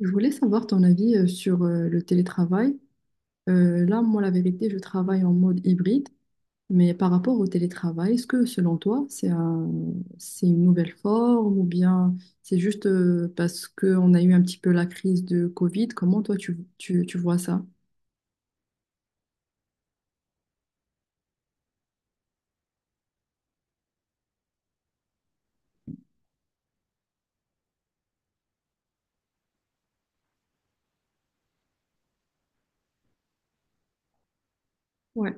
Je voulais savoir ton avis sur le télétravail. Là, moi, la vérité, je travaille en mode hybride, mais par rapport au télétravail, est-ce que selon toi, c'est une nouvelle forme ou bien c'est juste parce qu'on a eu un petit peu la crise de Covid? Comment toi, tu vois ça? Ouais,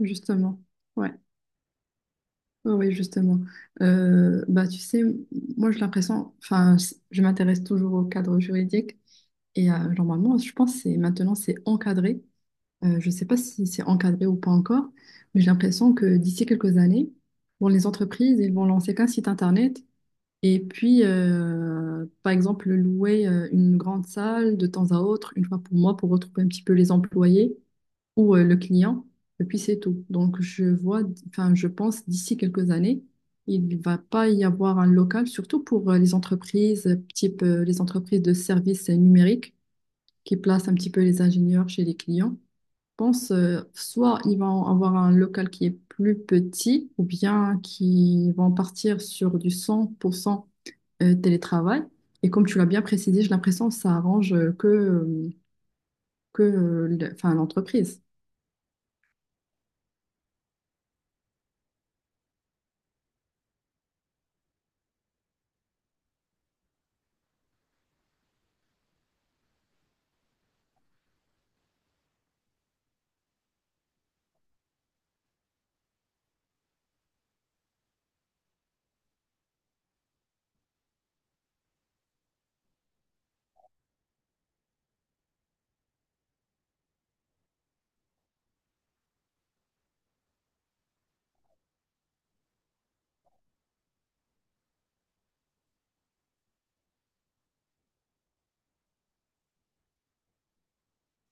justement. Ouais, oui, justement. Bah, tu sais, moi, j'ai l'impression, enfin, je m'intéresse toujours au cadre juridique et normalement, je pense que maintenant, c'est encadré. Je ne sais pas si c'est encadré ou pas encore, mais j'ai l'impression que d'ici quelques années, bon, les entreprises, ils vont lancer qu'un site internet et puis, par exemple, louer une grande salle de temps à autre, une fois pour moi, pour retrouver un petit peu les employés ou le client, et puis c'est tout. Donc, je vois, enfin, je pense d'ici quelques années, il ne va pas y avoir un local, surtout pour les entreprises, type les entreprises de services numériques qui placent un petit peu les ingénieurs chez les clients pense soit ils vont avoir un local qui est plus petit ou bien qui vont partir sur du 100% télétravail. Et comme tu l'as bien précisé, j'ai l'impression que ça arrange que enfin, l'entreprise.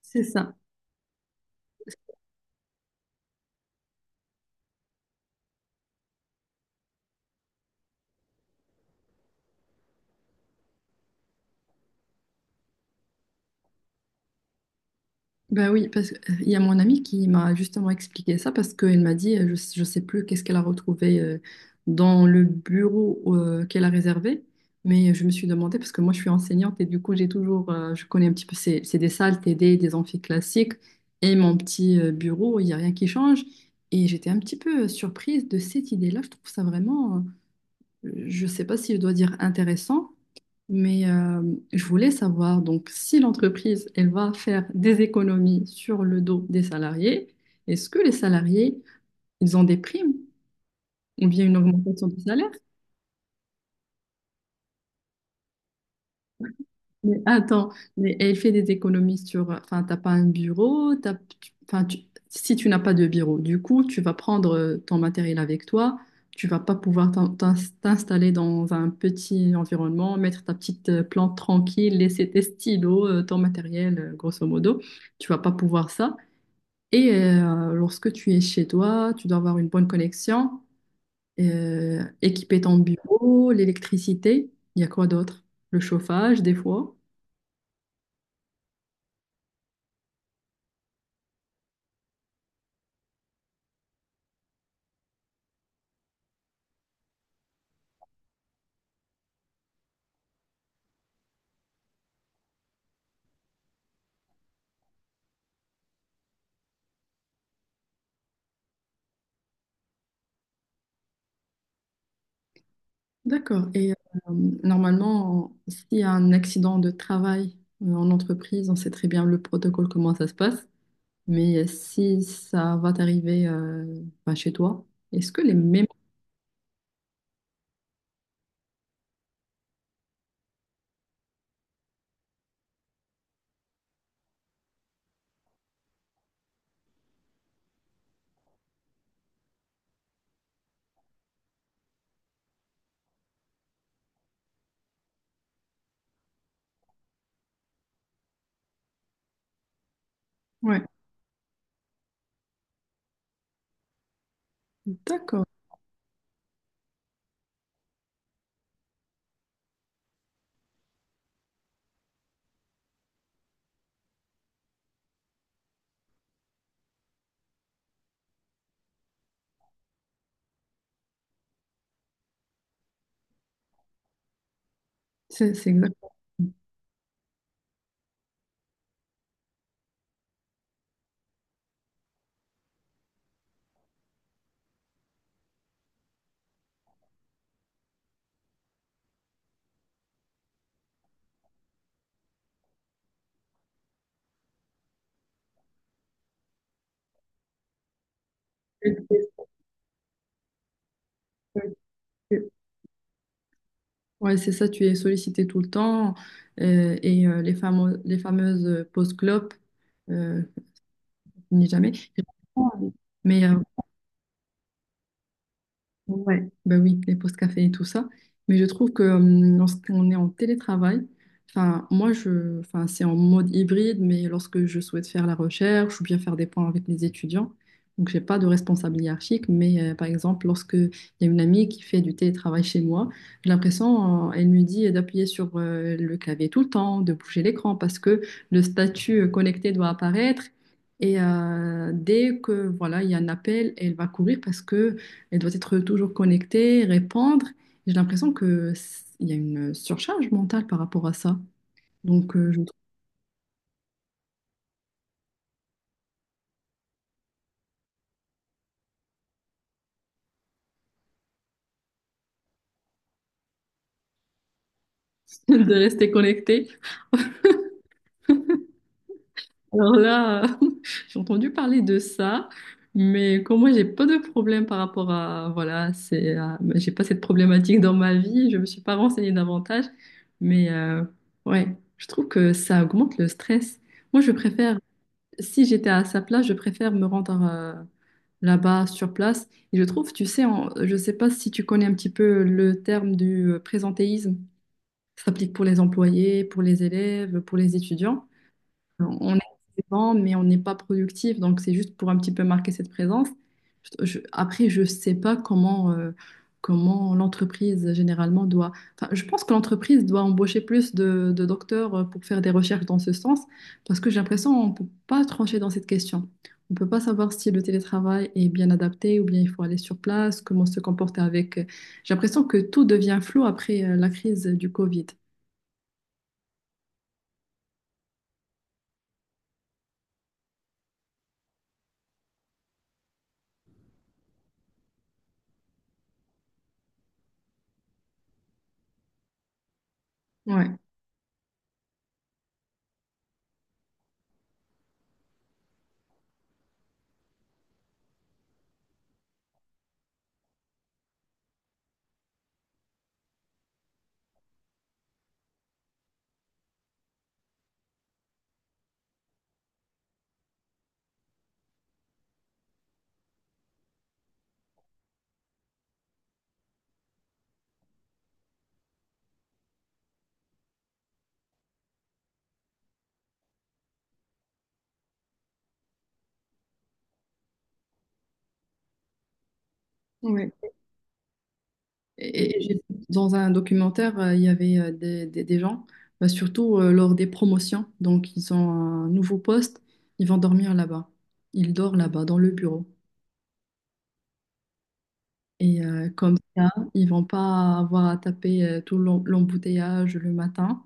C'est ça. Ben oui, parce qu'il y a mon amie qui m'a justement expliqué ça parce qu'elle m'a dit, je ne sais plus qu'est-ce qu'elle a retrouvé dans le bureau qu'elle a réservé, mais je me suis demandé, parce que moi je suis enseignante et du coup j'ai toujours, je connais un petit peu, c'est des salles T D des amphis classiques et mon petit bureau, il n'y a rien qui change. Et j'étais un petit peu surprise de cette idée-là, je trouve ça vraiment, je ne sais pas si je dois dire intéressant, mais je voulais savoir, donc, si l'entreprise, elle va faire des économies sur le dos des salariés, est-ce que les salariés, ils ont des primes ou bien une augmentation du salaire? Mais attends, mais elle fait des économies sur… Enfin, t'as pas un bureau, enfin, si tu n'as pas de bureau, du coup, tu vas prendre ton matériel avec toi, tu vas pas pouvoir t'installer dans un petit environnement, mettre ta petite plante tranquille, laisser tes stylos, ton matériel, grosso modo, tu vas pas pouvoir ça. Et lorsque tu es chez toi, tu dois avoir une bonne connexion, équiper ton bureau, l'électricité, il y a quoi d'autre? Le chauffage, des fois. D'accord. Et normalement, s'il y a un accident de travail en entreprise, on sait très bien le protocole, comment ça se passe. Mais si ça va t'arriver ben, chez toi, est-ce que les mêmes… Ouais, d'accord. C'est exactement. Ouais, c'est ça, tu es sollicité tout le temps. Et les fameux, les fameuses pauses clopes, euh, ni jamais. Mais ouais, ben oui, les pauses café et tout ça. Mais je trouve que lorsqu'on est en télétravail, enfin, moi, je, enfin, c'est en mode hybride, mais lorsque je souhaite faire la recherche ou bien faire des points avec les étudiants, donc j'ai pas de responsable hiérarchique, mais par exemple, lorsque il y a une amie qui fait du télétravail chez moi, j'ai l'impression, elle me dit d'appuyer sur le clavier tout le temps, de bouger l'écran parce que le statut connecté doit apparaître. Et dès que voilà, il y a un appel, elle va courir parce que elle doit être toujours connectée, répondre. J'ai l'impression que il y a une surcharge mentale par rapport à ça. Donc, je me conseille de rester connectée. Alors là, j'ai entendu parler de ça, mais comme moi, j'ai pas de problème par rapport à, voilà, j'ai pas cette problématique dans ma vie. Je me suis pas renseignée davantage, mais ouais, je trouve que ça augmente le stress. Moi, je préfère. Si j'étais à sa place, je préfère me rendre là-bas sur place. Et je trouve, tu sais, je ne sais pas si tu connais un petit peu le terme du présentéisme. Ça s'applique pour les employés, pour les élèves, pour les étudiants. On est présent, mais on n'est pas productif. Donc, c'est juste pour un petit peu marquer cette présence. Après, je ne sais pas comment, comment l'entreprise généralement doit. Enfin, je pense que l'entreprise doit embaucher plus de docteurs pour faire des recherches dans ce sens, parce que j'ai l'impression qu'on ne peut pas trancher dans cette question. On ne peut pas savoir si le télétravail est bien adapté ou bien il faut aller sur place, comment se comporter avec. J'ai l'impression que tout devient flou après la crise du Covid. Ouais. Ouais. Et dans un documentaire, il y avait des gens, bah, surtout lors des promotions. Donc, ils ont un nouveau poste, ils vont dormir là-bas. Ils dorment là-bas, dans le bureau. Et comme ça, ils vont pas avoir à taper tout l'embouteillage le matin,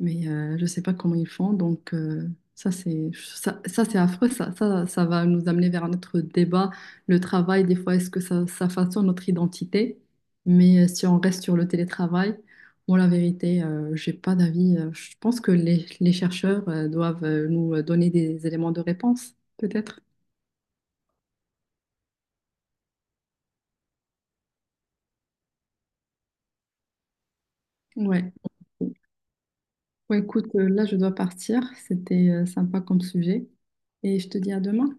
mais je ne sais pas comment ils font. Donc ça c'est ça, ça, c'est affreux. Ça, ça va nous amener vers notre débat. Le travail, des fois, est-ce que ça façonne notre identité? Mais si on reste sur le télétravail, moi la vérité, j'ai pas d'avis. Je pense que les chercheurs doivent nous donner des éléments de réponse, peut-être. Ouais. Ouais, écoute, là je dois partir. C'était sympa comme sujet. Et je te dis à demain.